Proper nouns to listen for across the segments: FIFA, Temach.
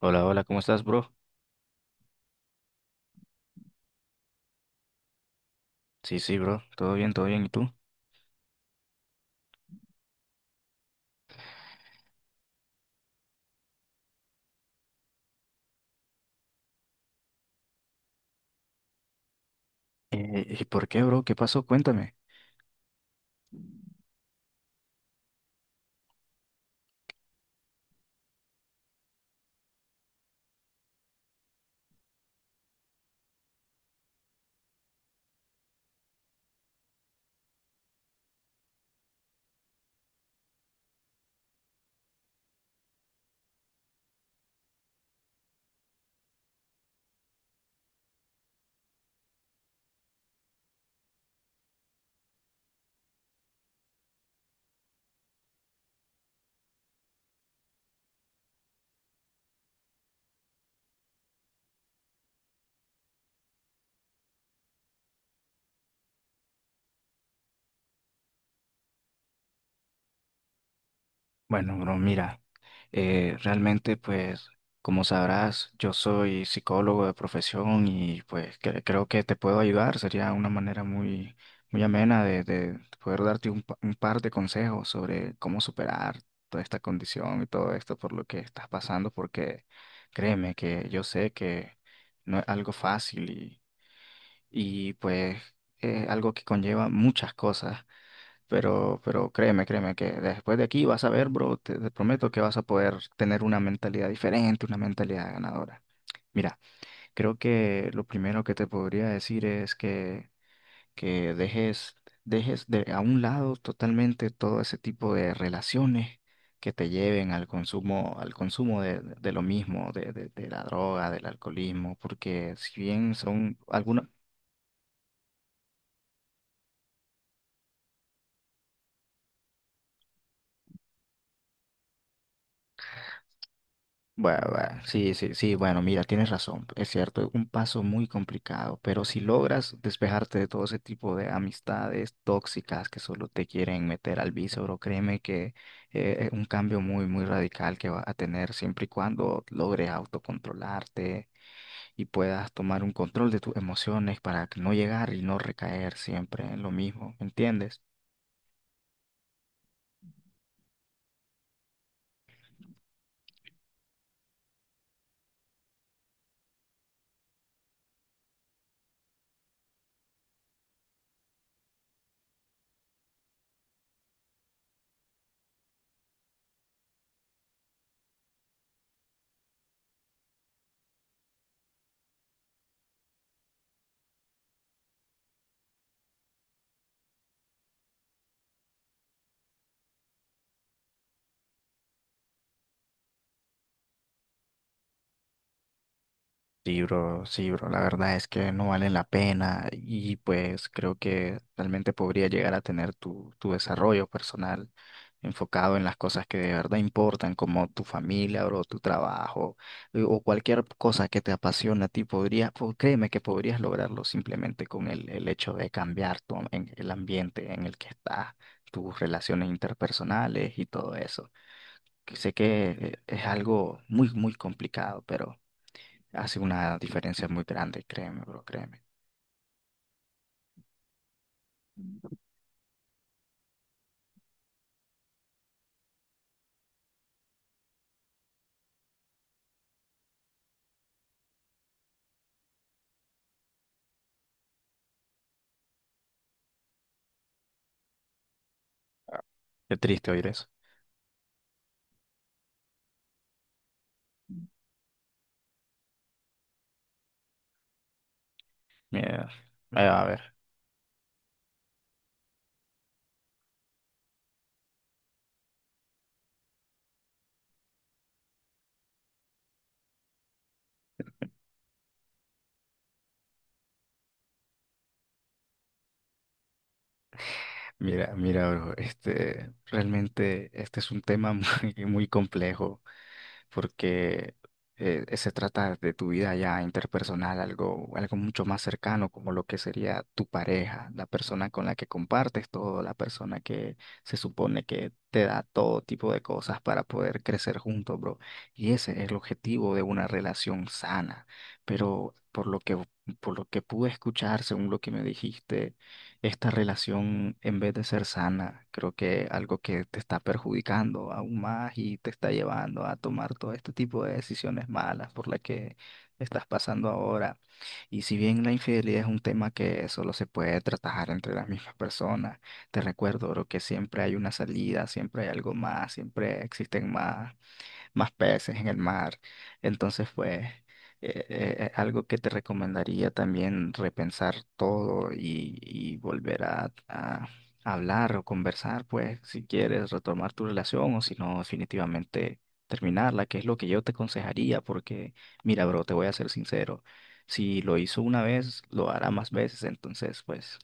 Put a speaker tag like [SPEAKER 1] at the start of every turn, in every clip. [SPEAKER 1] Hola, hola, ¿cómo estás, bro? Sí, sí, bro, todo bien, ¿y tú? ¿Y por qué, bro? ¿Qué pasó? Cuéntame. Bueno, bro, mira, realmente, pues, como sabrás, yo soy psicólogo de profesión y, pues, creo que te puedo ayudar. Sería una manera muy, muy amena de poder darte un, un par de consejos sobre cómo superar toda esta condición y todo esto por lo que estás pasando, porque créeme que yo sé que no es algo fácil y pues algo que conlleva muchas cosas, pero créeme, créeme que después de aquí vas a ver, bro, te prometo que vas a poder tener una mentalidad diferente, una mentalidad ganadora. Mira, creo que lo primero que te podría decir es que dejes, dejes de a un lado totalmente todo ese tipo de relaciones que te lleven al consumo de lo mismo, de la droga, del alcoholismo, porque si bien son algunas. Bueno, bueno, sí, sí, sí, bueno, mira, tienes razón, es cierto, es un paso muy complicado, pero si logras despejarte de todo ese tipo de amistades tóxicas que solo te quieren meter al bíceps, créeme que es un cambio muy, muy radical que vas a tener siempre y cuando logres autocontrolarte y puedas tomar un control de tus emociones para que no llegar y no recaer siempre en lo mismo, ¿entiendes? Sí, bro, la verdad es que no vale la pena y pues creo que realmente podría llegar a tener tu, tu desarrollo personal enfocado en las cosas que de verdad importan, como tu familia, bro, tu trabajo, o cualquier cosa que te apasiona a ti, podría, créeme que podrías lograrlo simplemente con el hecho de cambiar tu, el ambiente en el que estás, tus relaciones interpersonales y todo eso. Que sé que es algo muy, muy complicado, pero… Hace una diferencia muy grande, créeme, bro, créeme. Qué triste oír eso. Mira, ahí va a ver. Mira, mira, bro, este, realmente este es un tema muy, muy complejo porque se trata de tu vida ya interpersonal, algo, algo mucho más cercano como lo que sería tu pareja, la persona con la que compartes todo, la persona que se supone que te da todo tipo de cosas para poder crecer juntos, bro. Y ese es el objetivo de una relación sana. Pero por lo que pude escuchar, según lo que me dijiste, esta relación, en vez de ser sana, creo que algo que te está perjudicando aún más y te está llevando a tomar todo este tipo de decisiones malas por las que estás pasando ahora. Y si bien la infidelidad es un tema que solo se puede tratar entre las mismas personas, te recuerdo, bro, que siempre hay una salida, siempre hay algo más, siempre existen más más peces en el mar. Entonces, pues, algo que te recomendaría también repensar todo y volver a hablar o conversar, pues, si quieres retomar tu relación o si no, definitivamente terminarla, que es lo que yo te aconsejaría, porque, mira, bro, te voy a ser sincero, si lo hizo una vez, lo hará más veces, entonces, pues…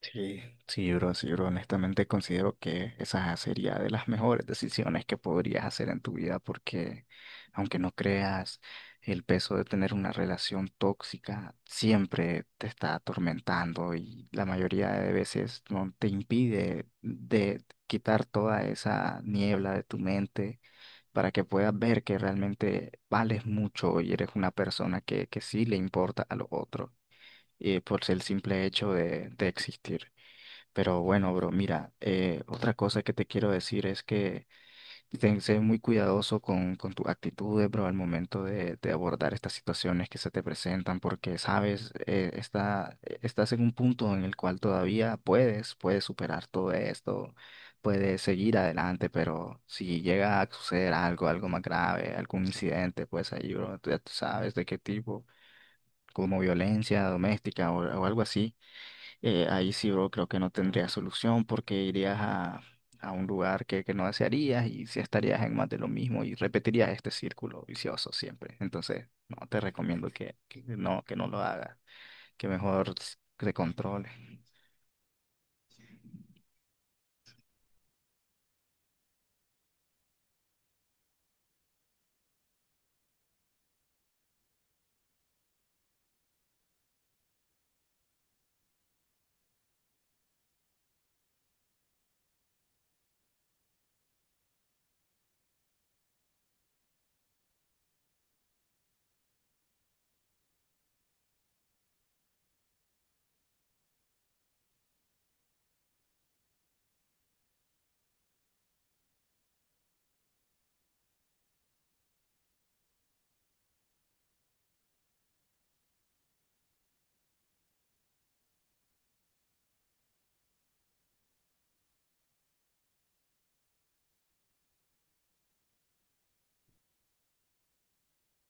[SPEAKER 1] Sí, sí, bro, sí, bro. Honestamente considero que esa sería de las mejores decisiones que podrías hacer en tu vida porque aunque no creas, el peso de tener una relación tóxica siempre te está atormentando y la mayoría de veces no te impide de quitar toda esa niebla de tu mente para que puedas ver que realmente vales mucho y eres una persona que sí le importa a los otros, por el simple hecho de existir. Pero bueno, bro, mira, otra cosa que te quiero decir es que ten, sé muy cuidadoso con tus actitudes, bro, al momento de abordar estas situaciones que se te presentan, porque, sabes, estás en un punto en el cual todavía puedes, puedes superar todo esto, puedes seguir adelante, pero si llega a suceder algo, algo más grave, algún incidente, pues ahí, bro, tú ya tú sabes de qué tipo, como violencia doméstica o algo así, ahí sí, bro, creo que no tendría solución porque irías a un lugar que no desearías y sí estarías en más de lo mismo y repetirías este círculo vicioso siempre. Entonces, no, te recomiendo que no lo hagas, que mejor te controles.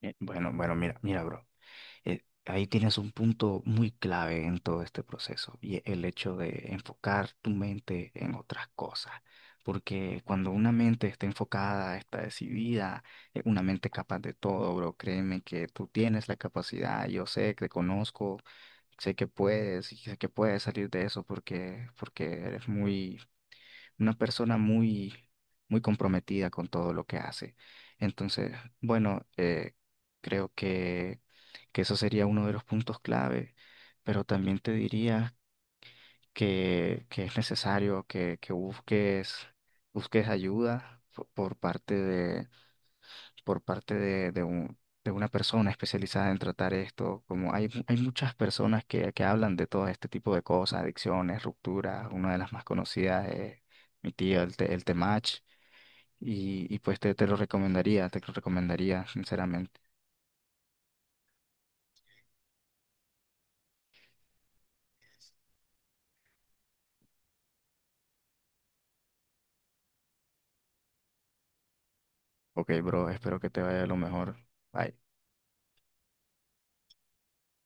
[SPEAKER 1] Bueno, bueno, mira, mira, bro. Eh, ahí tienes un punto muy clave en todo este proceso y el hecho de enfocar tu mente en otras cosas. Porque cuando una mente está enfocada, está decidida, una mente capaz de todo, bro, créeme que tú tienes la capacidad, yo sé que te conozco, sé que puedes y sé que puedes salir de eso porque, porque eres muy, una persona muy, muy comprometida con todo lo que hace. Entonces, bueno, creo que eso sería uno de los puntos clave, pero también te diría que es necesario que busques, busques ayuda por parte de, de una persona especializada en tratar esto. Como hay, hay muchas personas que hablan de todo este tipo de cosas, adicciones, rupturas. Una de las más conocidas es mi tío, el, el Temach. Y pues te, te lo recomendaría, sinceramente. Ok, bro, espero que te vaya lo mejor. Bye.